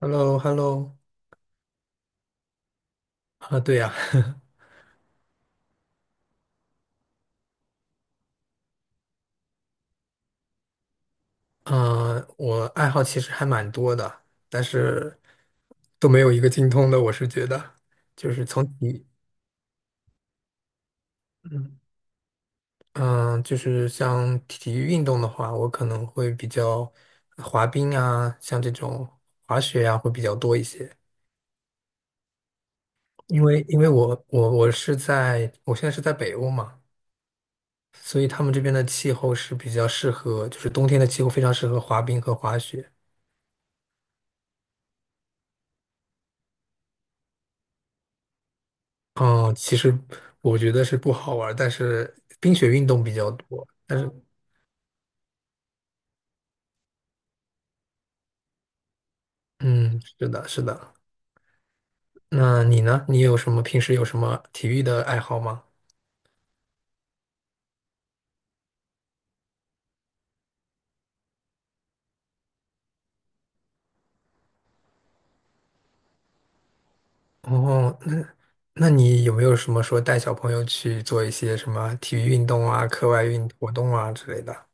h e l l o h e l l o。 啊，对呀，啊，我爱好其实还蛮多的，但是都没有一个精通的。我是觉得，就是从体，嗯嗯，就是像体育运动的话，我可能会比较滑冰啊，像这种滑雪啊，会比较多一些。因为我现在是在北欧嘛，所以他们这边的气候是比较适合，就是冬天的气候非常适合滑冰和滑雪。哦，其实我觉得是不好玩儿但是冰雪运动比较多。但是，嗯，是的，是的。那你呢？你有什么平时有什么体育的爱好吗？哦，那你有没有什么说带小朋友去做一些什么体育运动啊、课外运活动啊之类的？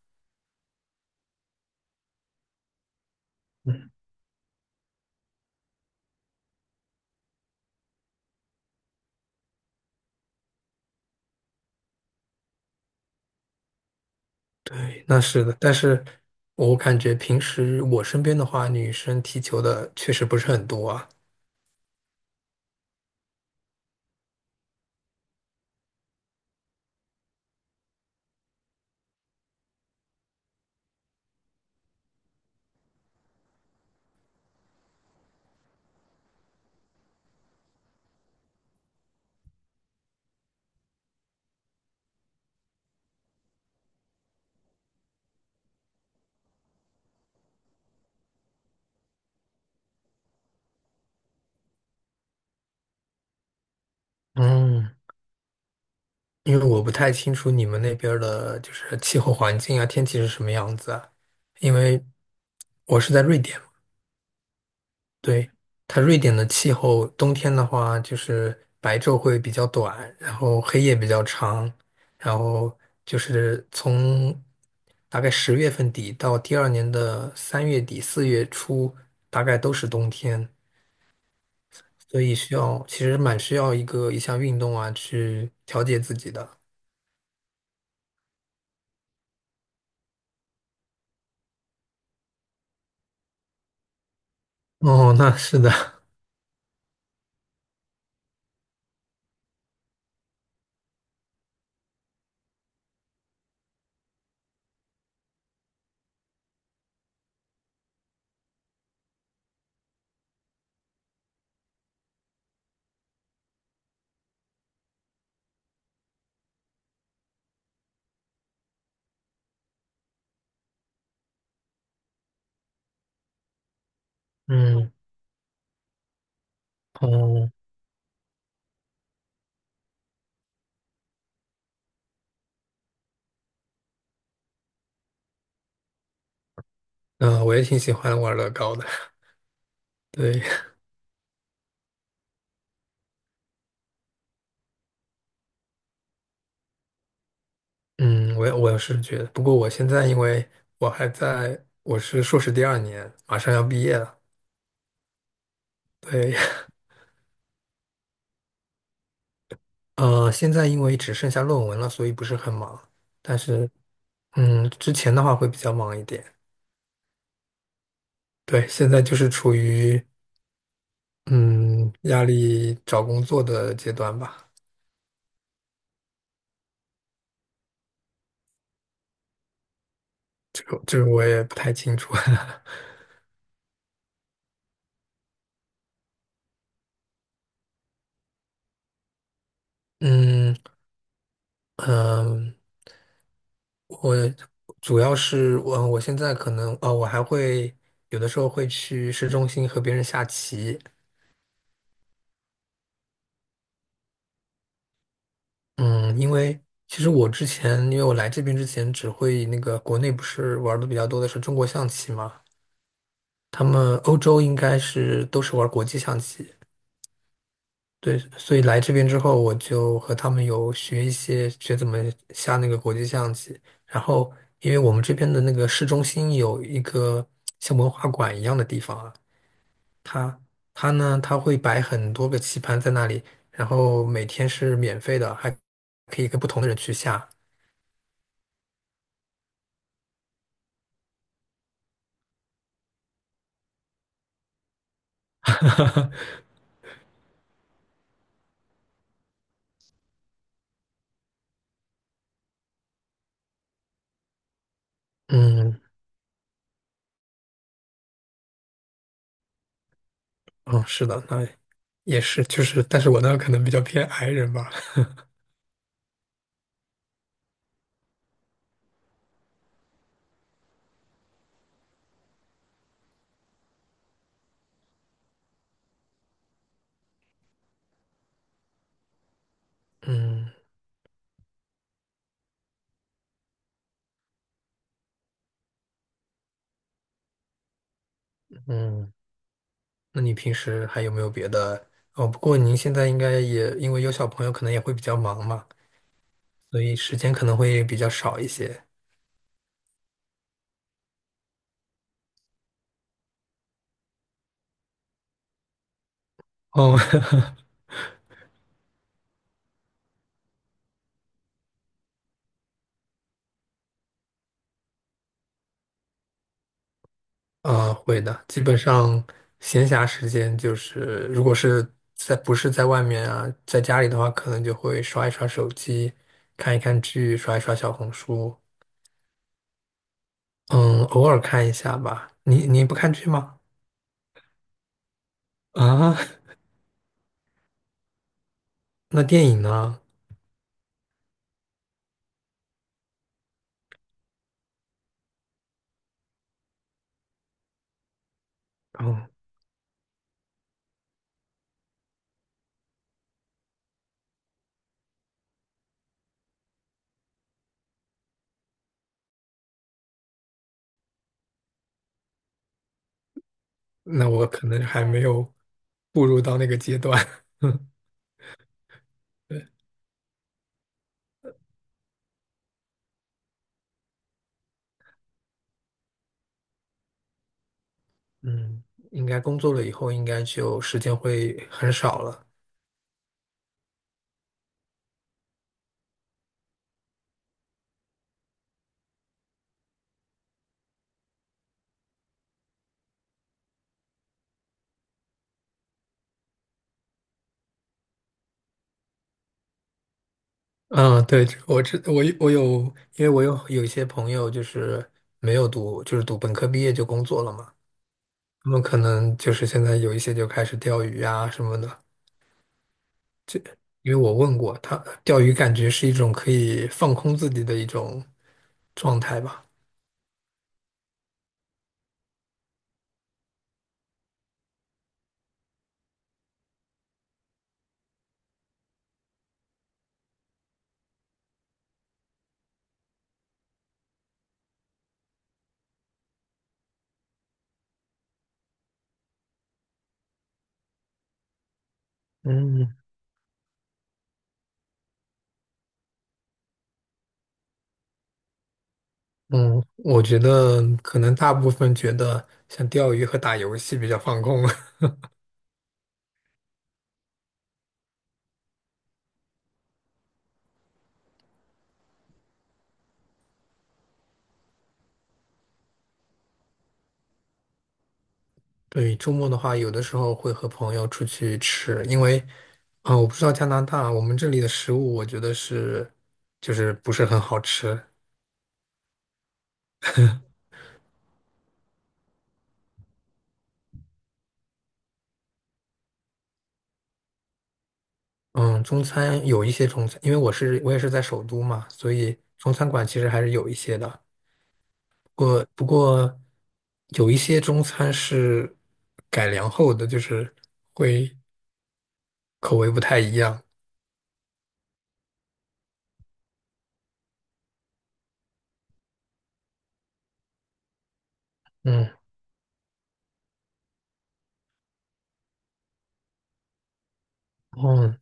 嗯，对，那是的。但是我感觉平时我身边的话，女生踢球的确实不是很多啊。嗯。因为我不太清楚你们那边儿的就是气候环境啊，天气是什么样子啊？因为我是在瑞典嘛。对，它瑞典的气候，冬天的话就是白昼会比较短，然后黑夜比较长，然后就是从大概十月份底到第二年的三月底四月初，大概都是冬天，所以其实蛮需要一项运动啊去调节自己的。哦，那是的，嗯。哦，我也挺喜欢玩乐高的。对，嗯，我也是觉得，不过我现在因为我还在，我是硕士第二年，马上要毕业了。对，现在因为只剩下论文了，所以不是很忙。但是，之前的话会比较忙一点。对，现在就是处于嗯压力找工作的阶段吧。这个我也不太清楚。嗯嗯，呃我主要是我现在可能我还会有的时候会去市中心和别人下棋。嗯，其实我之前，因为我来这边之前只会那个国内不是玩的比较多的是中国象棋嘛。他们欧洲应该是都是玩国际象棋。对，所以来这边之后，我就和他们有学一些学怎么下那个国际象棋。然后，因为我们这边的那个市中心有一个像文化馆一样的地方啊。他他呢，他会摆很多个棋盘在那里，然后每天是免费的，还可以跟不同的人去下。 嗯嗯，是的，那也是，就是，但是我呢可能比较偏 i 人吧。嗯嗯，那你平时还有没有别的？哦，不过您现在应该也因为有小朋友，可能也会比较忙嘛，所以时间可能会比较少一些。哦，啊，会的，基本上闲暇时间就是，如果是在，不是在外面啊，在家里的话，可能就会刷一刷手机，看一看剧，刷一刷小红书，嗯，偶尔看一下吧。你不看剧吗？啊，那电影呢？嗯，那我可能还没有步入到那个阶段。嗯，应该工作了以后，应该就时间会很少了。嗯，对，这个我有，因为我有一些朋友就是没有读，就是读本科毕业就工作了嘛，他们可能就是现在有一些就开始钓鱼啊什么的。因为我问过他，钓鱼感觉是一种可以放空自己的一种状态吧。嗯嗯，我觉得可能大部分觉得像钓鱼和打游戏比较放空。对，周末的话，有的时候会和朋友出去吃，因为，啊、我不知道加拿大，我们这里的食物，我觉得是，就是不是很好吃。嗯，中餐有一些中餐，因为我也是在首都嘛，所以中餐馆其实还是有一些的。不过，有一些中餐是改良后的，就是口味不太一样。嗯，嗯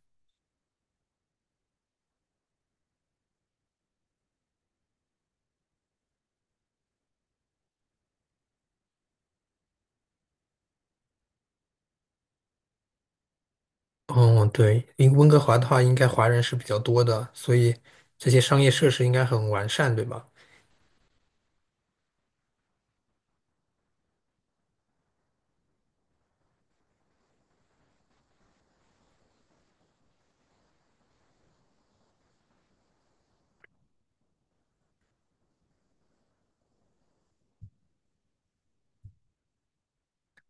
嗯，对，因为温哥华的话，应该华人是比较多的，所以这些商业设施应该很完善，对吧？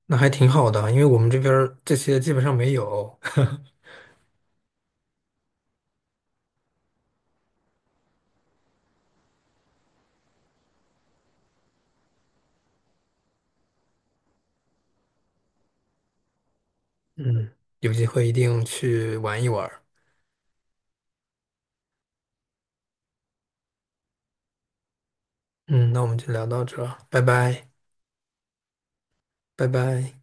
那还挺好的，因为我们这边儿这些基本上没有。嗯，有机会一定去玩一玩儿嗯，那我们就聊到这儿拜拜，拜拜。